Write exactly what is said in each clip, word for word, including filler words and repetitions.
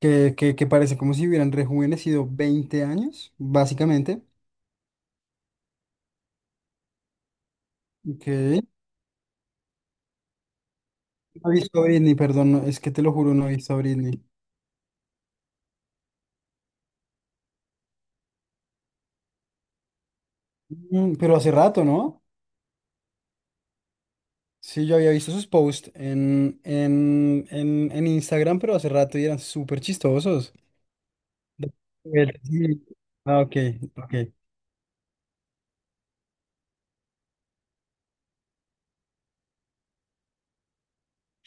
que, que, que parece como si hubieran rejuvenecido veinte años, básicamente. Ok. No he visto a Britney, perdón, no, es que te lo juro, no he visto a Britney. Mm, pero hace rato, ¿no? Sí, yo había visto sus posts en, en, en, en Instagram, pero hace rato y eran súper chistosos. De- sí. Ah, ok, ok.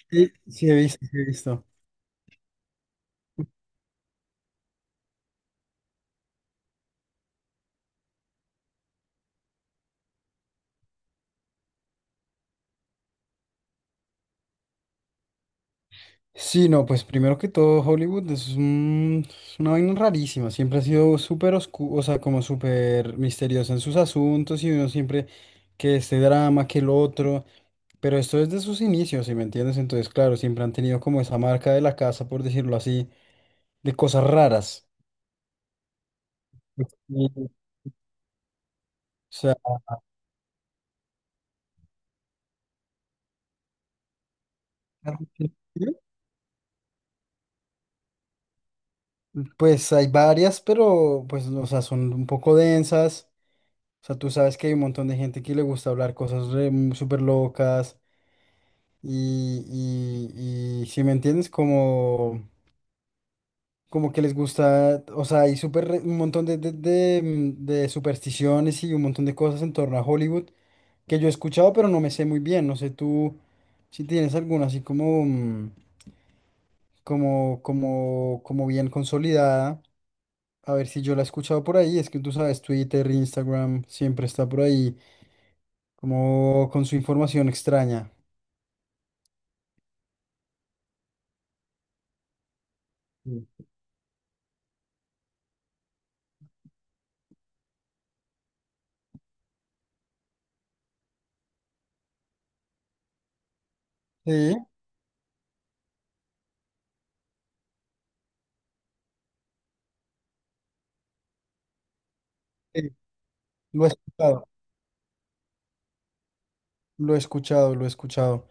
Sí, sí he visto, sí he visto. Sí, no, pues primero que todo, Hollywood es, un- es una vaina rarísima. Siempre ha sido súper oscuro, o sea, como súper misteriosa en sus asuntos y uno siempre que este drama, que el otro. Pero esto es de sus inicios, ¿si me entiendes? Entonces, claro, siempre han tenido como esa marca de la casa, por decirlo así, de cosas raras. Y, o sea, pues hay varias, pero pues, o sea, son un poco densas. O sea, tú sabes que hay un montón de gente que le gusta hablar cosas re- súper locas. Y, y, y si me entiendes, como, como que les gusta, o sea, hay súper re- un montón de, de, de, mm, de supersticiones y un montón de cosas en torno a Hollywood que yo he escuchado, pero no me sé muy bien. No sé tú si tienes alguna así como, mm, como, como, como bien consolidada. A ver si yo la he escuchado por ahí. Es que tú sabes, Twitter, Instagram, siempre está por ahí, como con su información extraña. Sí. Sí, sí, lo he escuchado, lo he escuchado, lo he escuchado.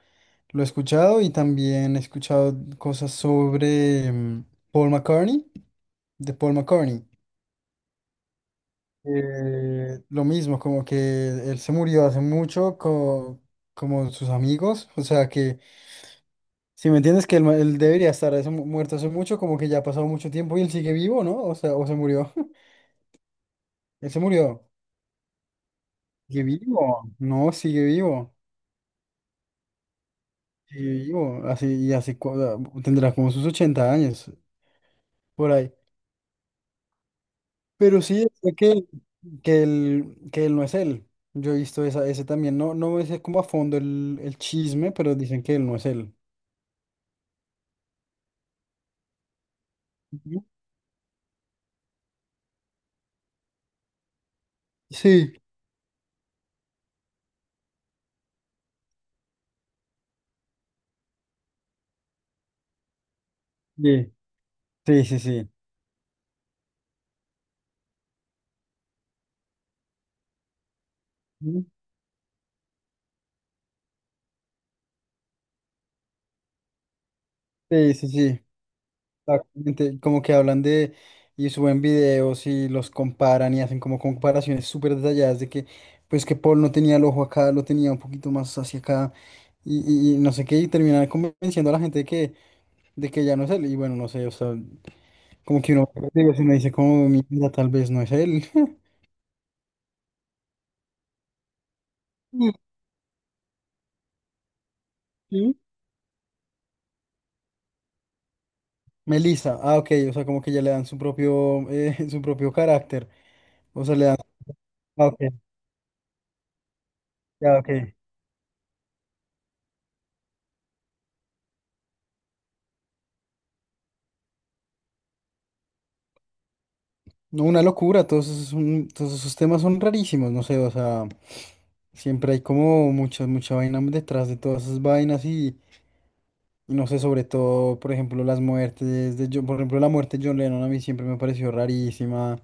Lo he escuchado y también he escuchado cosas sobre mm, Paul McCartney, de Paul McCartney. Eh, lo mismo, como que él se murió hace mucho co- como sus amigos, o sea que, si me entiendes, que él, ma- él debería estar hace mu- muerto hace mucho, como que ya ha pasado mucho tiempo y él sigue vivo, ¿no? O sea, o se murió, él se murió. Sigue vivo, no, sigue vivo, sigue vivo, así y así cu- ah, tendrá como sus ochenta años por ahí. Pero sí, sé que, que, él, que él no es él. Yo he visto esa, ese también. No, no sé como a fondo el, el chisme, pero dicen que él no es él. Ujú. Sí, sí, sí, sí, sí. Ujú. Sí, sí, sí. Exactamente. Como que hablan de y suben videos y los comparan y hacen como comparaciones súper detalladas de que, pues que Paul no tenía el ojo acá, lo tenía un poquito más hacia acá y, y- y no sé qué, y terminan convenciendo a la gente de que, de que ya no es él. Y bueno, no sé, o sea. Como que uno digo, si uno dice como mira, tal vez no es él. Ujú. Melissa, ah, ok, o sea, como que ya le dan su propio, eh, su propio carácter. O sea, le dan. Ah, ok, ya, ok. No, una locura, todos esos, son- todos esos temas son rarísimos, no sé, o sea, siempre hay como mucha, mucha vaina detrás de todas esas vainas y, y no sé, sobre todo, por ejemplo, las muertes de John, por ejemplo, la muerte de John Lennon a mí siempre me pareció rarísima.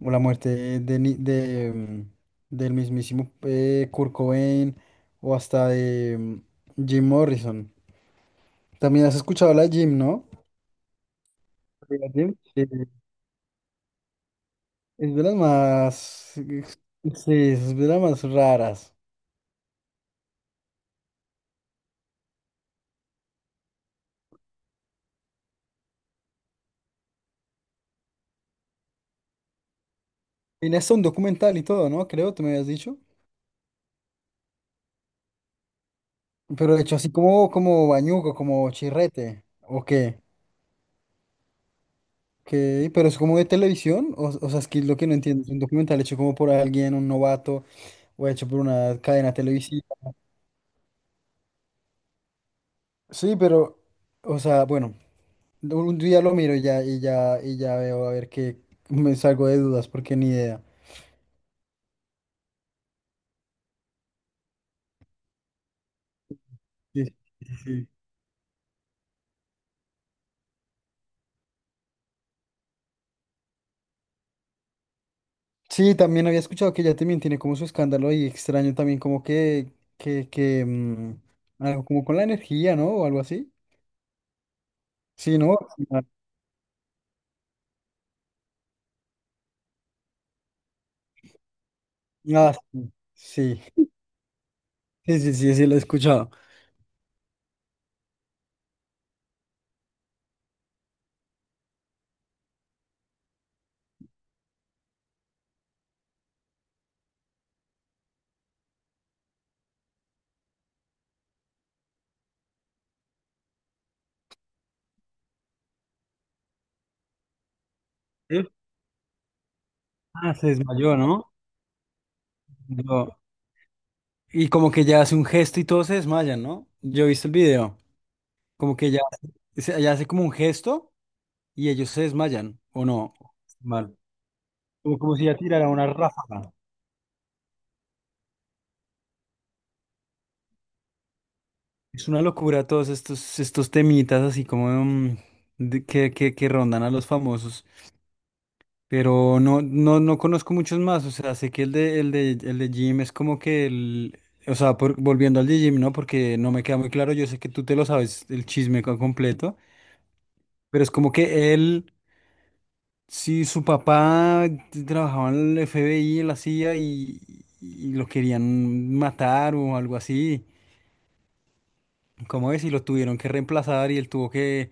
O la muerte de, Ni- de, mm, del mismísimo eh, Kurt Cobain o hasta de mm, Jim Morrison. También has escuchado la de Jim, ¿no? Sí, la Jim. Sí, es de las más. Ex- sí, es de las más raras. Tiene hasta un documental y todo, ¿no? Creo, tú me habías dicho. Pero hecho así como, como bañuco, como chirrete. ¿O qué? ¿Qué? Pero es como de televisión. O, o sea, es que lo que no entiendo es un documental hecho como por alguien, un novato, o hecho por una cadena televisiva. Sí, pero, o sea, bueno, un día lo miro y ya, y ya, y ya veo a ver qué me salgo de dudas porque ni idea. Sí, sí, sí. Sí, también había escuchado que ella también tiene como su escándalo y extraño también como que, que, que, mm, algo como con la energía, ¿no? O algo así. Sí, ¿no? Ah, ah, sí, sí, sí, sí, sí, sí, lo he escuchado. ¿Eh? Ah, se desmayó, ¿no? Yo- y como que ya hace un gesto y todos se desmayan, ¿no? Yo he visto el video, como que ya, hace- ya hace como un gesto. Y ellos se desmayan, ¿o no? Mal. Como, como si ya tirara una ráfaga. Es una locura todos estos, estos temitas así como mm, de- que, que, que rondan a los famosos. Pero no, no, no conozco muchos más. O sea, sé que el de, el de, el de Jim es como que el. O sea, por- volviendo al de Jim, ¿no? Porque no me queda muy claro. Yo sé que tú te lo sabes el chisme co- completo. Pero es como que él. Sí, su papá t- trabajaba en el F B I, en la C I A, y, y los querían matar o algo así. ¿Cómo es? Y lo tuvieron que reemplazar y él tuvo que,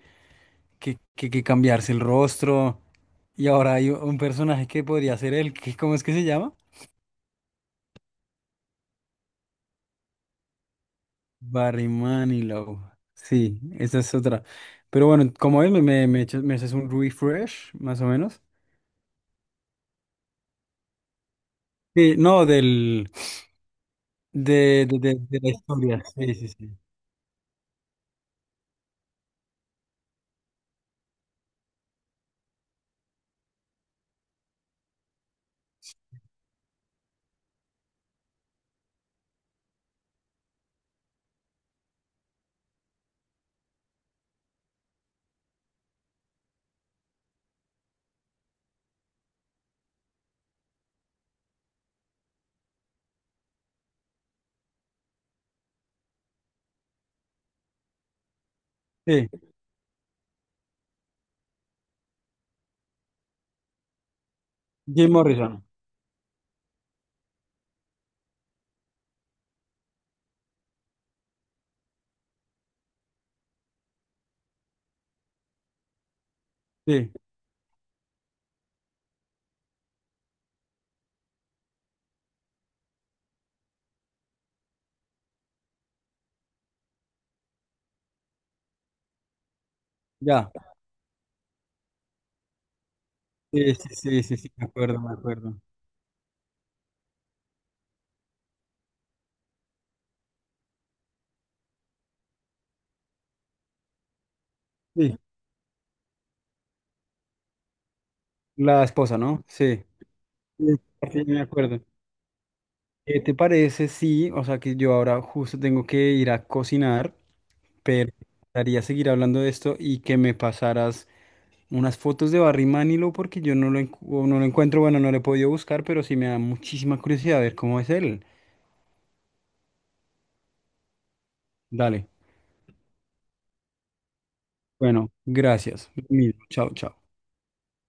que, que- que cambiarse el rostro. Y ahora hay un personaje que podría ser él, que, ¿cómo es que se llama? Barry Manilow. Sí, esa es otra. Pero bueno, ¿como es? Me, me, me echas- me haces un refresh, más o menos. Sí, no, del, de, de, de, de la historia. Sí, sí, sí. Sí, Jim Morrison. Sí. Ya, sí, sí, sí, sí, sí, me acuerdo, me acuerdo. Sí, la esposa, ¿no? Sí, sí, sí, me acuerdo. ¿Qué te parece? Sí, o sea que yo ahora justo tengo que ir a cocinar, pero me gustaría seguir hablando de esto y que me pasaras unas fotos de Barry Manilow porque yo no lo, encu- o no lo encuentro, bueno, no lo he podido buscar, pero sí me da muchísima curiosidad ver cómo es él. Dale, bueno, gracias. Lo mismo. Chao, chao.